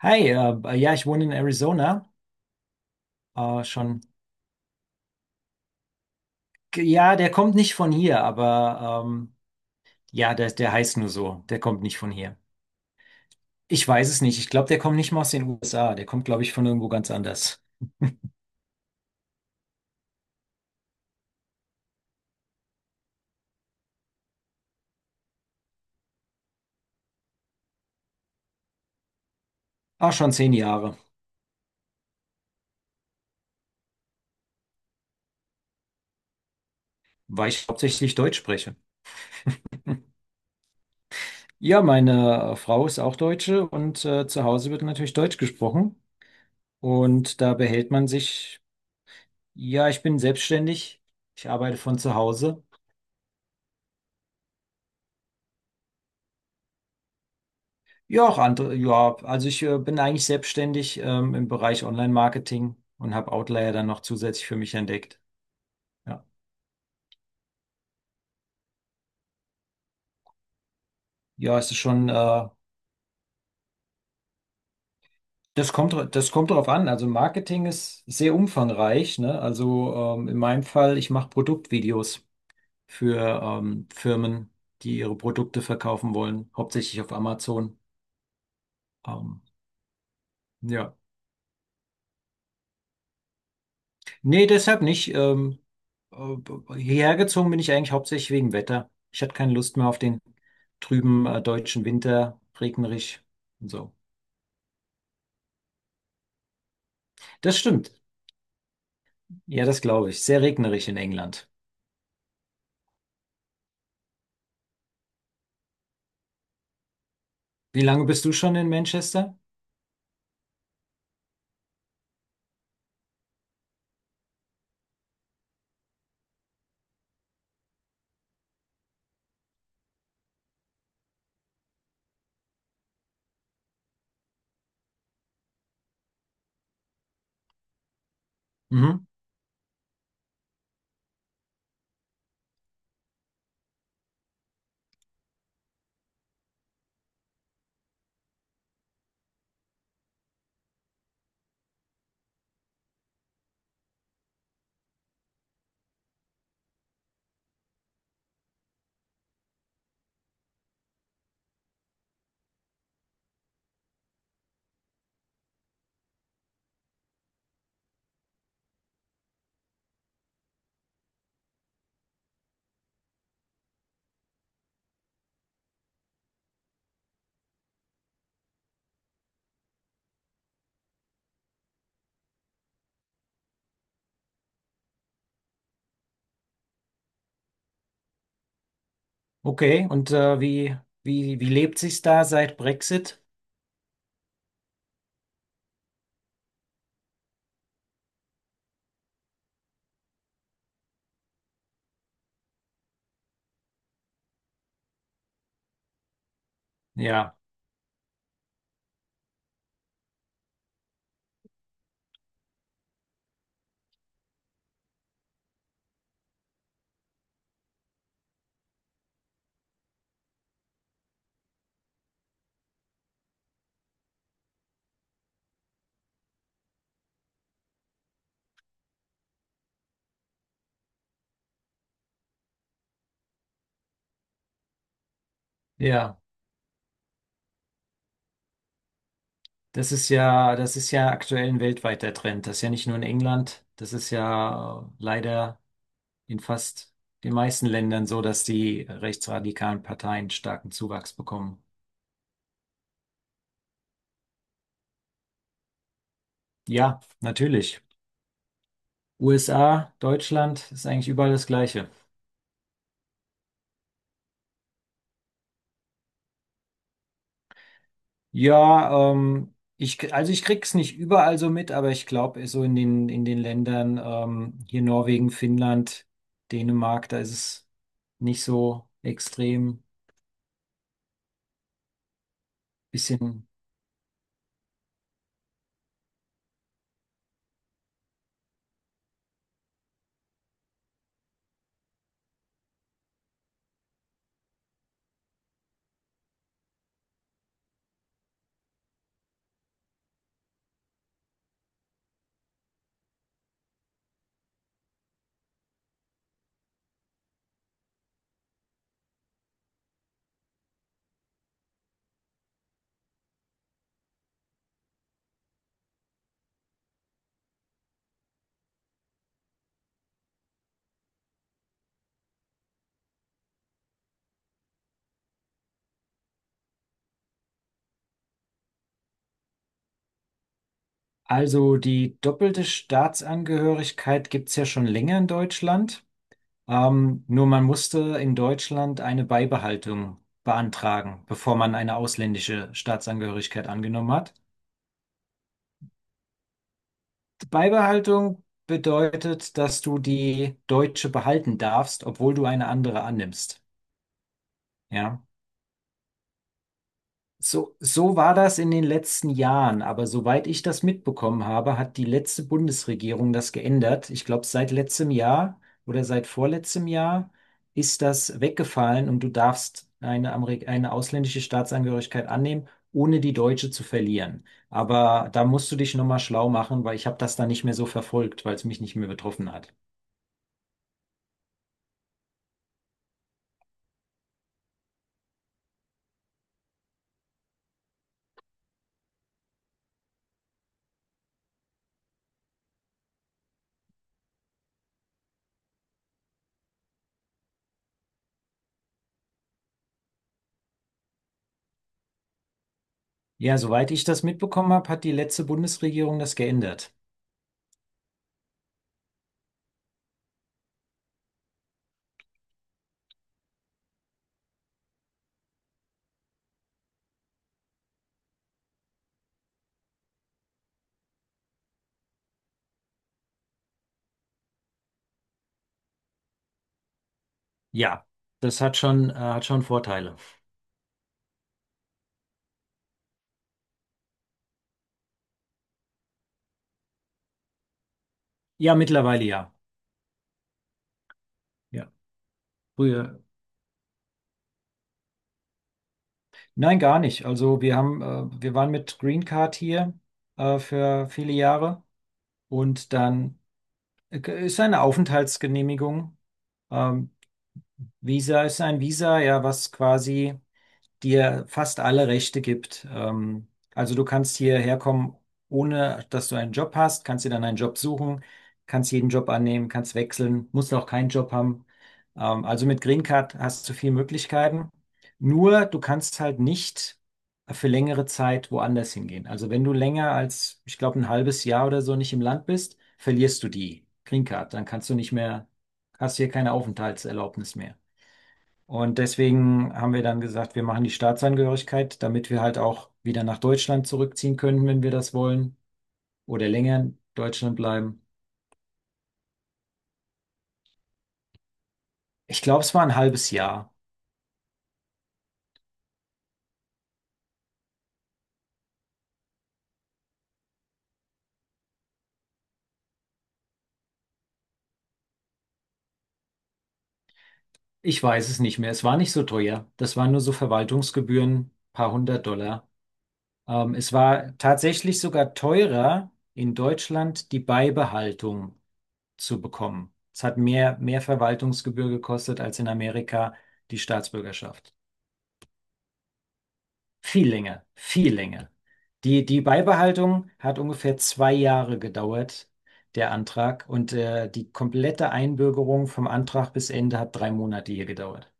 Hi, ja, ich wohne in Arizona. Schon, ja, der kommt nicht von hier, aber ja, der heißt nur so. Der kommt nicht von hier. Ich weiß es nicht. Ich glaube, der kommt nicht mal aus den USA. Der kommt, glaube ich, von irgendwo ganz anders. Ah, schon 10 Jahre, weil ich hauptsächlich Deutsch spreche. Ja, meine Frau ist auch Deutsche und zu Hause wird natürlich Deutsch gesprochen. Und da behält man sich, ja, ich bin selbstständig. Ich arbeite von zu Hause. Ja, auch andere, ja, also ich bin eigentlich selbstständig, im Bereich Online-Marketing und habe Outlier dann noch zusätzlich für mich entdeckt. Ja, ja, es ist schon, das kommt drauf an. Also Marketing ist sehr umfangreich, ne? Also in meinem Fall, ich mache Produktvideos für Firmen, die ihre Produkte verkaufen wollen, hauptsächlich auf Amazon. Ähm, ja. Nee, deshalb nicht. Äh, Hierher gezogen bin ich eigentlich hauptsächlich wegen Wetter. Ich hatte keine Lust mehr auf den trüben deutschen Winter, regnerisch und so. Das stimmt. Ja, das glaube ich. Sehr regnerisch in England. Wie lange bist du schon in Manchester? Mhm. Okay, und wie lebt sich's da seit Brexit? Ja, ja. Das ist ja aktuell ein weltweiter Trend. Das ist ja nicht nur in England. Das ist ja leider in fast den meisten Ländern so, dass die rechtsradikalen Parteien starken Zuwachs bekommen. Ja, natürlich. USA, Deutschland ist eigentlich überall das Gleiche. Ja, also ich krieg's nicht überall so mit, aber ich glaube, so in den Ländern, hier Norwegen, Finnland, Dänemark, da ist es nicht so extrem. Bisschen. Also die doppelte Staatsangehörigkeit gibt es ja schon länger in Deutschland. Nur man musste in Deutschland eine Beibehaltung beantragen, bevor man eine ausländische Staatsangehörigkeit angenommen hat. Beibehaltung bedeutet, dass du die deutsche behalten darfst, obwohl du eine andere annimmst. Ja. So war das in den letzten Jahren, aber soweit ich das mitbekommen habe, hat die letzte Bundesregierung das geändert. Ich glaube, seit letztem Jahr oder seit vorletztem Jahr ist das weggefallen und du darfst eine ausländische Staatsangehörigkeit annehmen, ohne die deutsche zu verlieren. Aber da musst du dich nochmal schlau machen, weil ich habe das dann nicht mehr so verfolgt, weil es mich nicht mehr betroffen hat. Ja, soweit ich das mitbekommen habe, hat die letzte Bundesregierung das geändert. Ja, das hat schon Vorteile. Ja, mittlerweile ja. Ja. Früher. Nein, gar nicht. Also wir waren mit Green Card hier für viele Jahre und dann ist eine Aufenthaltsgenehmigung. Ähm, Visa ist ein Visa, ja, was quasi dir fast alle Rechte gibt. Also du kannst hierher kommen, ohne dass du einen Job hast, kannst dir dann einen Job suchen, kannst jeden Job annehmen, kannst wechseln, musst auch keinen Job haben. Also mit Green Card hast du viele Möglichkeiten. Nur du kannst halt nicht für längere Zeit woanders hingehen. Also wenn du länger als, ich glaube, ein halbes Jahr oder so nicht im Land bist, verlierst du die Green Card. Dann kannst du nicht mehr, hast hier keine Aufenthaltserlaubnis mehr. Und deswegen haben wir dann gesagt, wir machen die Staatsangehörigkeit, damit wir halt auch wieder nach Deutschland zurückziehen können, wenn wir das wollen, oder länger in Deutschland bleiben. Ich glaube, es war ein halbes Jahr. Ich weiß es nicht mehr. Es war nicht so teuer. Das waren nur so Verwaltungsgebühren, paar hundert Dollar. Es war tatsächlich sogar teurer, in Deutschland die Beibehaltung zu bekommen. Es hat mehr Verwaltungsgebühr gekostet als in Amerika die Staatsbürgerschaft. Viel länger, viel länger. Die Beibehaltung hat ungefähr 2 Jahre gedauert, der Antrag. Und die komplette Einbürgerung vom Antrag bis Ende hat 3 Monate hier gedauert.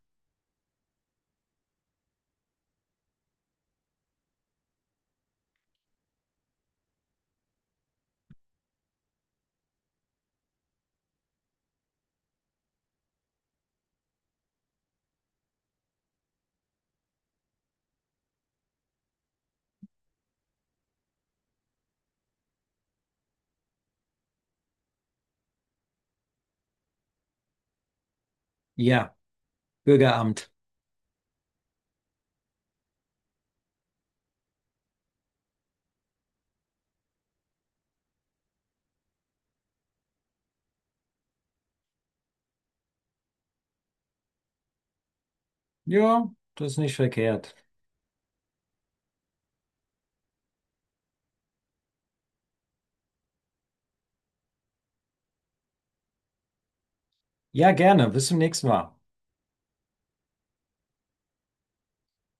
Ja, Bürgeramt. Ja, das ist nicht verkehrt. Ja, gerne. Bis zum nächsten Mal.